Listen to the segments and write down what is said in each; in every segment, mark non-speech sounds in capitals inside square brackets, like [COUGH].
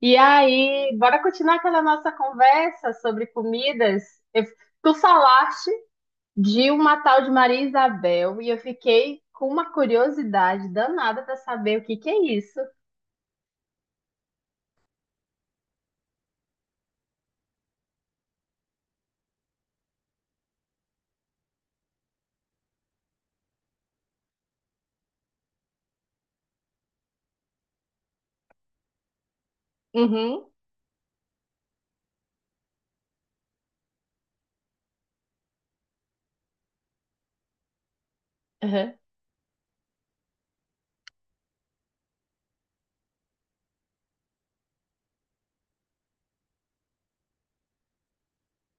E aí, bora continuar aquela nossa conversa sobre comidas. Eu- Tu falaste de uma tal de Maria Isabel e eu fiquei com uma curiosidade danada para saber o que que é isso. Uhum, uhum.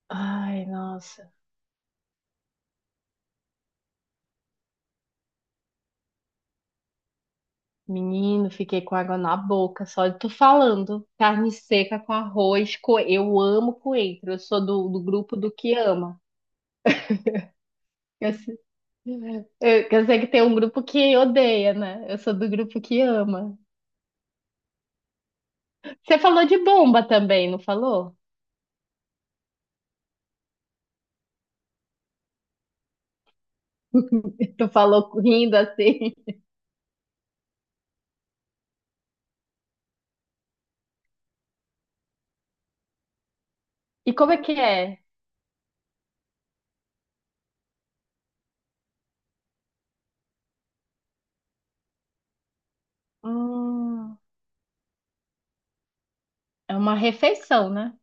Ai, nossa. Menino, fiquei com água na boca só de tu falando. Carne seca com arroz, eu amo coentro. Eu sou do grupo do que ama. Eu, se- eu sei que tem um grupo que odeia, né? Eu sou do grupo que ama. Você falou de bomba também, não falou? [LAUGHS] Tu falou rindo assim. E como é que é? Hum, é uma refeição, né?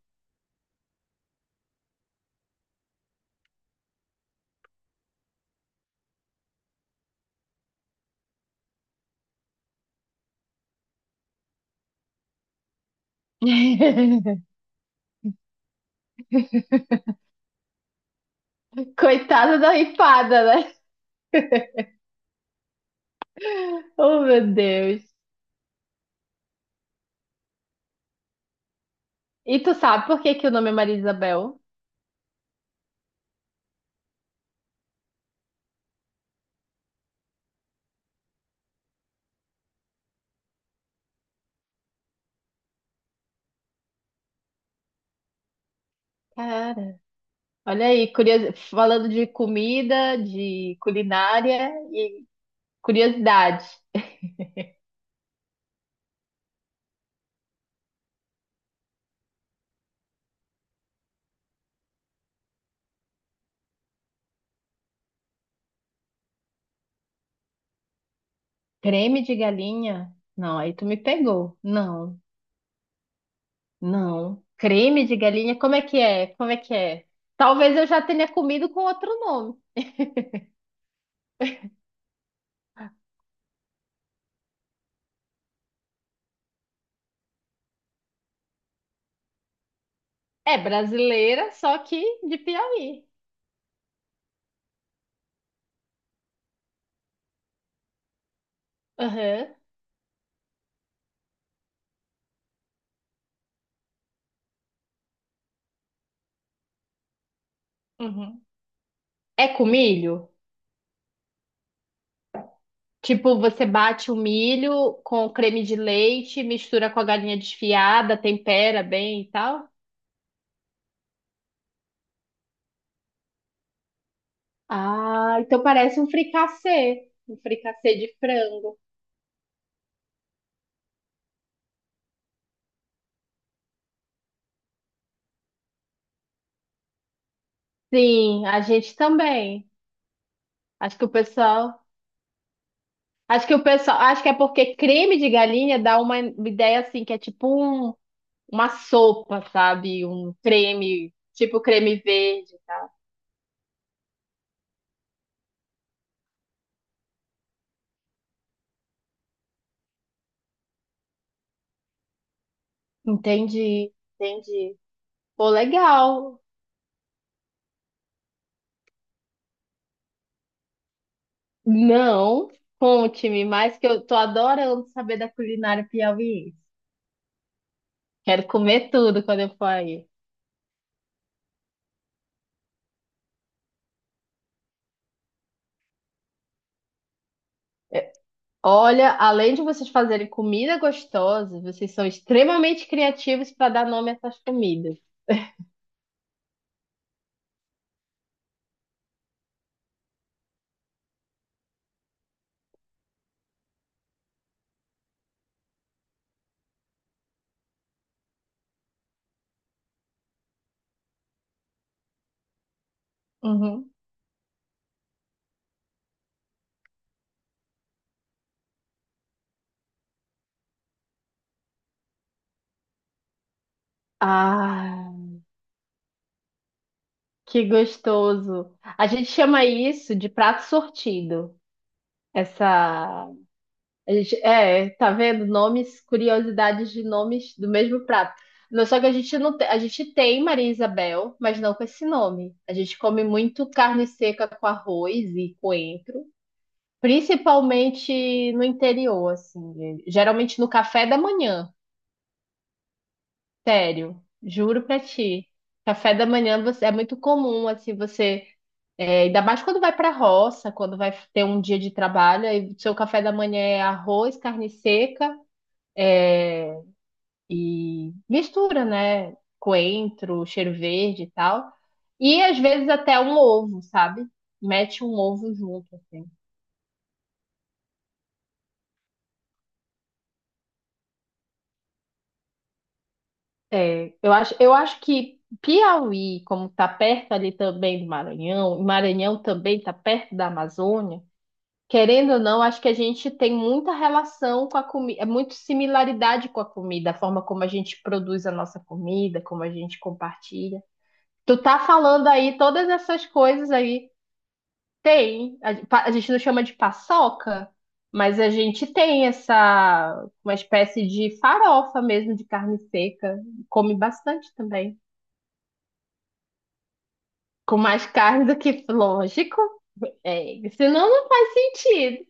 [LAUGHS] Coitada da ripada, né? Oh, meu Deus. E tu sabe por que que o nome é Maria Isabel? Cara, olha aí, falando de comida, de culinária e curiosidade. Creme de galinha? Não, aí tu me pegou. Não. Não. Creme de galinha? Como é que é? Como é que é? Talvez eu já tenha comido com outro nome. É brasileira, só que de Piauí. Aham. Uhum. É com milho? Tipo, você bate o milho com creme de leite, mistura com a galinha desfiada, tempera bem e tal? Ah, então parece um fricassê. Um fricassê de frango. Sim, a gente também. Acho que o pessoal. Acho que o pessoal, acho que é porque creme de galinha dá uma ideia assim, que é tipo um- uma sopa, sabe? Um creme, tipo creme verde. Entendi, entendi. Pô, legal. Não, conte-me mais que eu tô adorando saber da culinária piauiense. Quero comer tudo quando eu for aí. É, olha, além de vocês fazerem comida gostosa, vocês são extremamente criativos para dar nome a essas comidas. Uhum. Ah. Que gostoso. A gente chama isso de prato sortido. Essa, é, tá vendo? Nomes, curiosidades de nomes do mesmo prato. Não, só que a gente não tem, a gente tem Maria Isabel, mas não com esse nome. A gente come muito carne seca com arroz e coentro, principalmente no interior, assim, geralmente no café da manhã. Sério, juro pra ti. Café da manhã você, é muito comum assim você é, ainda mais quando vai para a roça, quando vai ter um dia de trabalho, aí seu café da manhã é arroz, carne seca, é, e mistura, né? Coentro, cheiro verde e tal. E às vezes até um ovo, sabe? Mete um ovo junto, assim. É, eu acho que Piauí, como tá perto ali também do Maranhão, e Maranhão também tá perto da Amazônia, querendo ou não, acho que a gente tem muita relação com a comida, é muito similaridade com a comida, a forma como a gente produz a nossa comida, como a gente compartilha. Tu tá falando aí todas essas coisas aí, tem. A gente não chama de paçoca, mas a gente tem essa, uma espécie de farofa mesmo de carne seca. Come bastante também. Com mais carne do que, lógico. É, senão não faz sentido.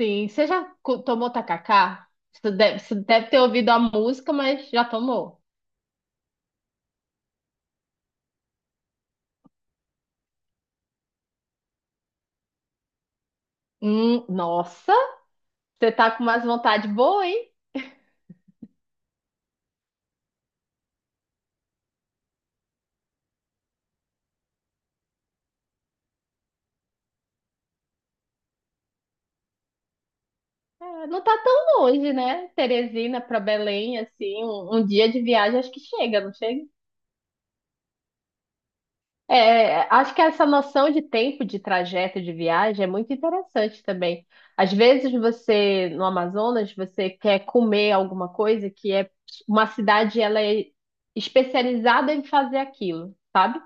Sim, você já tomou tacacá? Você deve ter ouvido a música, mas já tomou. Nossa, você tá com umas vontades boas, hein? É, não tá tão longe, né? Teresina pra Belém, assim, um dia de viagem acho que chega, não chega? É, acho que essa noção de tempo de trajeto de viagem é muito interessante também. Às vezes você, no Amazonas, você quer comer alguma coisa que é uma cidade, ela é especializada em fazer aquilo, sabe?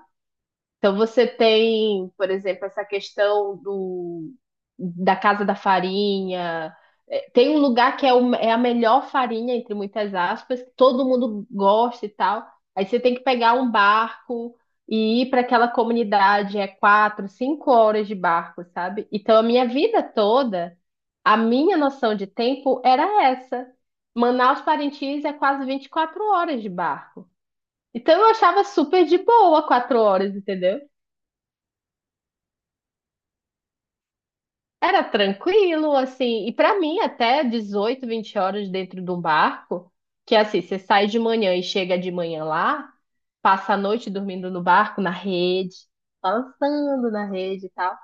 Então você tem, por exemplo, essa questão do, da Casa da Farinha. É, tem um lugar que é, é a melhor farinha, entre muitas aspas, que todo mundo gosta e tal. Aí você tem que pegar um barco e ir para aquela comunidade, é 4, 5 horas de barco, sabe? Então a minha vida toda, a minha noção de tempo era essa. Manaus Parintins é quase 24 horas de barco. Então eu achava super de boa 4 horas, entendeu? Era tranquilo, assim, e pra mim até 18, 20 horas dentro de um barco, que é assim, você sai de manhã e chega de manhã lá, passa a noite dormindo no barco, na rede, balançando na rede e tal.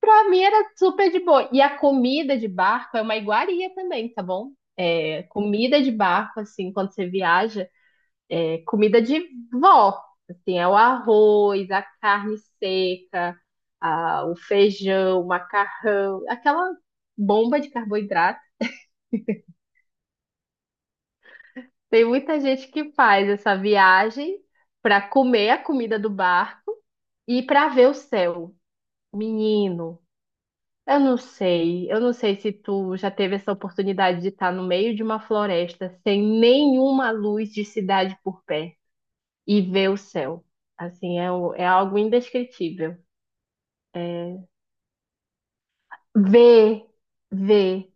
Pra mim era super de boa. E a comida de barco é uma iguaria também, tá bom? É, comida de barco, assim, quando você viaja é comida de vó. Assim, é o arroz, a carne seca, o feijão, o macarrão, aquela bomba de carboidrato. Tem muita gente que faz essa viagem para comer a comida do barco e para ver o céu. Menino, eu não sei se tu já teve essa oportunidade de estar no meio de uma floresta sem nenhuma luz de cidade por perto e ver o céu. Assim, é, é algo indescritível. É, ver, ver.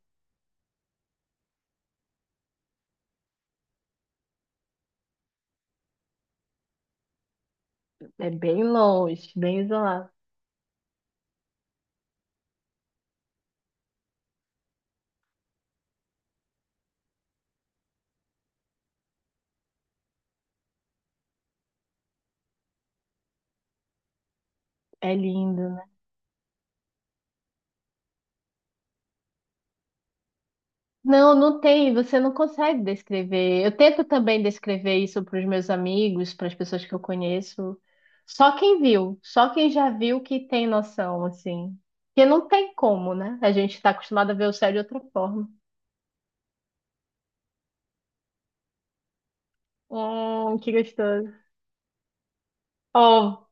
É bem longe, bem isolado. É lindo, né? Não, não tem, você não consegue descrever. Eu tento também descrever isso para os meus amigos, para as pessoas que eu conheço. Só quem viu, só quem já viu que tem noção, assim. Porque não tem como, né? A gente está acostumado a ver o céu de outra forma. Que gostoso. Ó,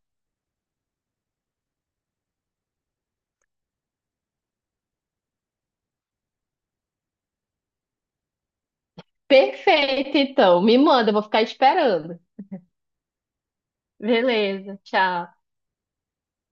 perfeito, então. Me manda, eu vou ficar esperando. Beleza, tchau.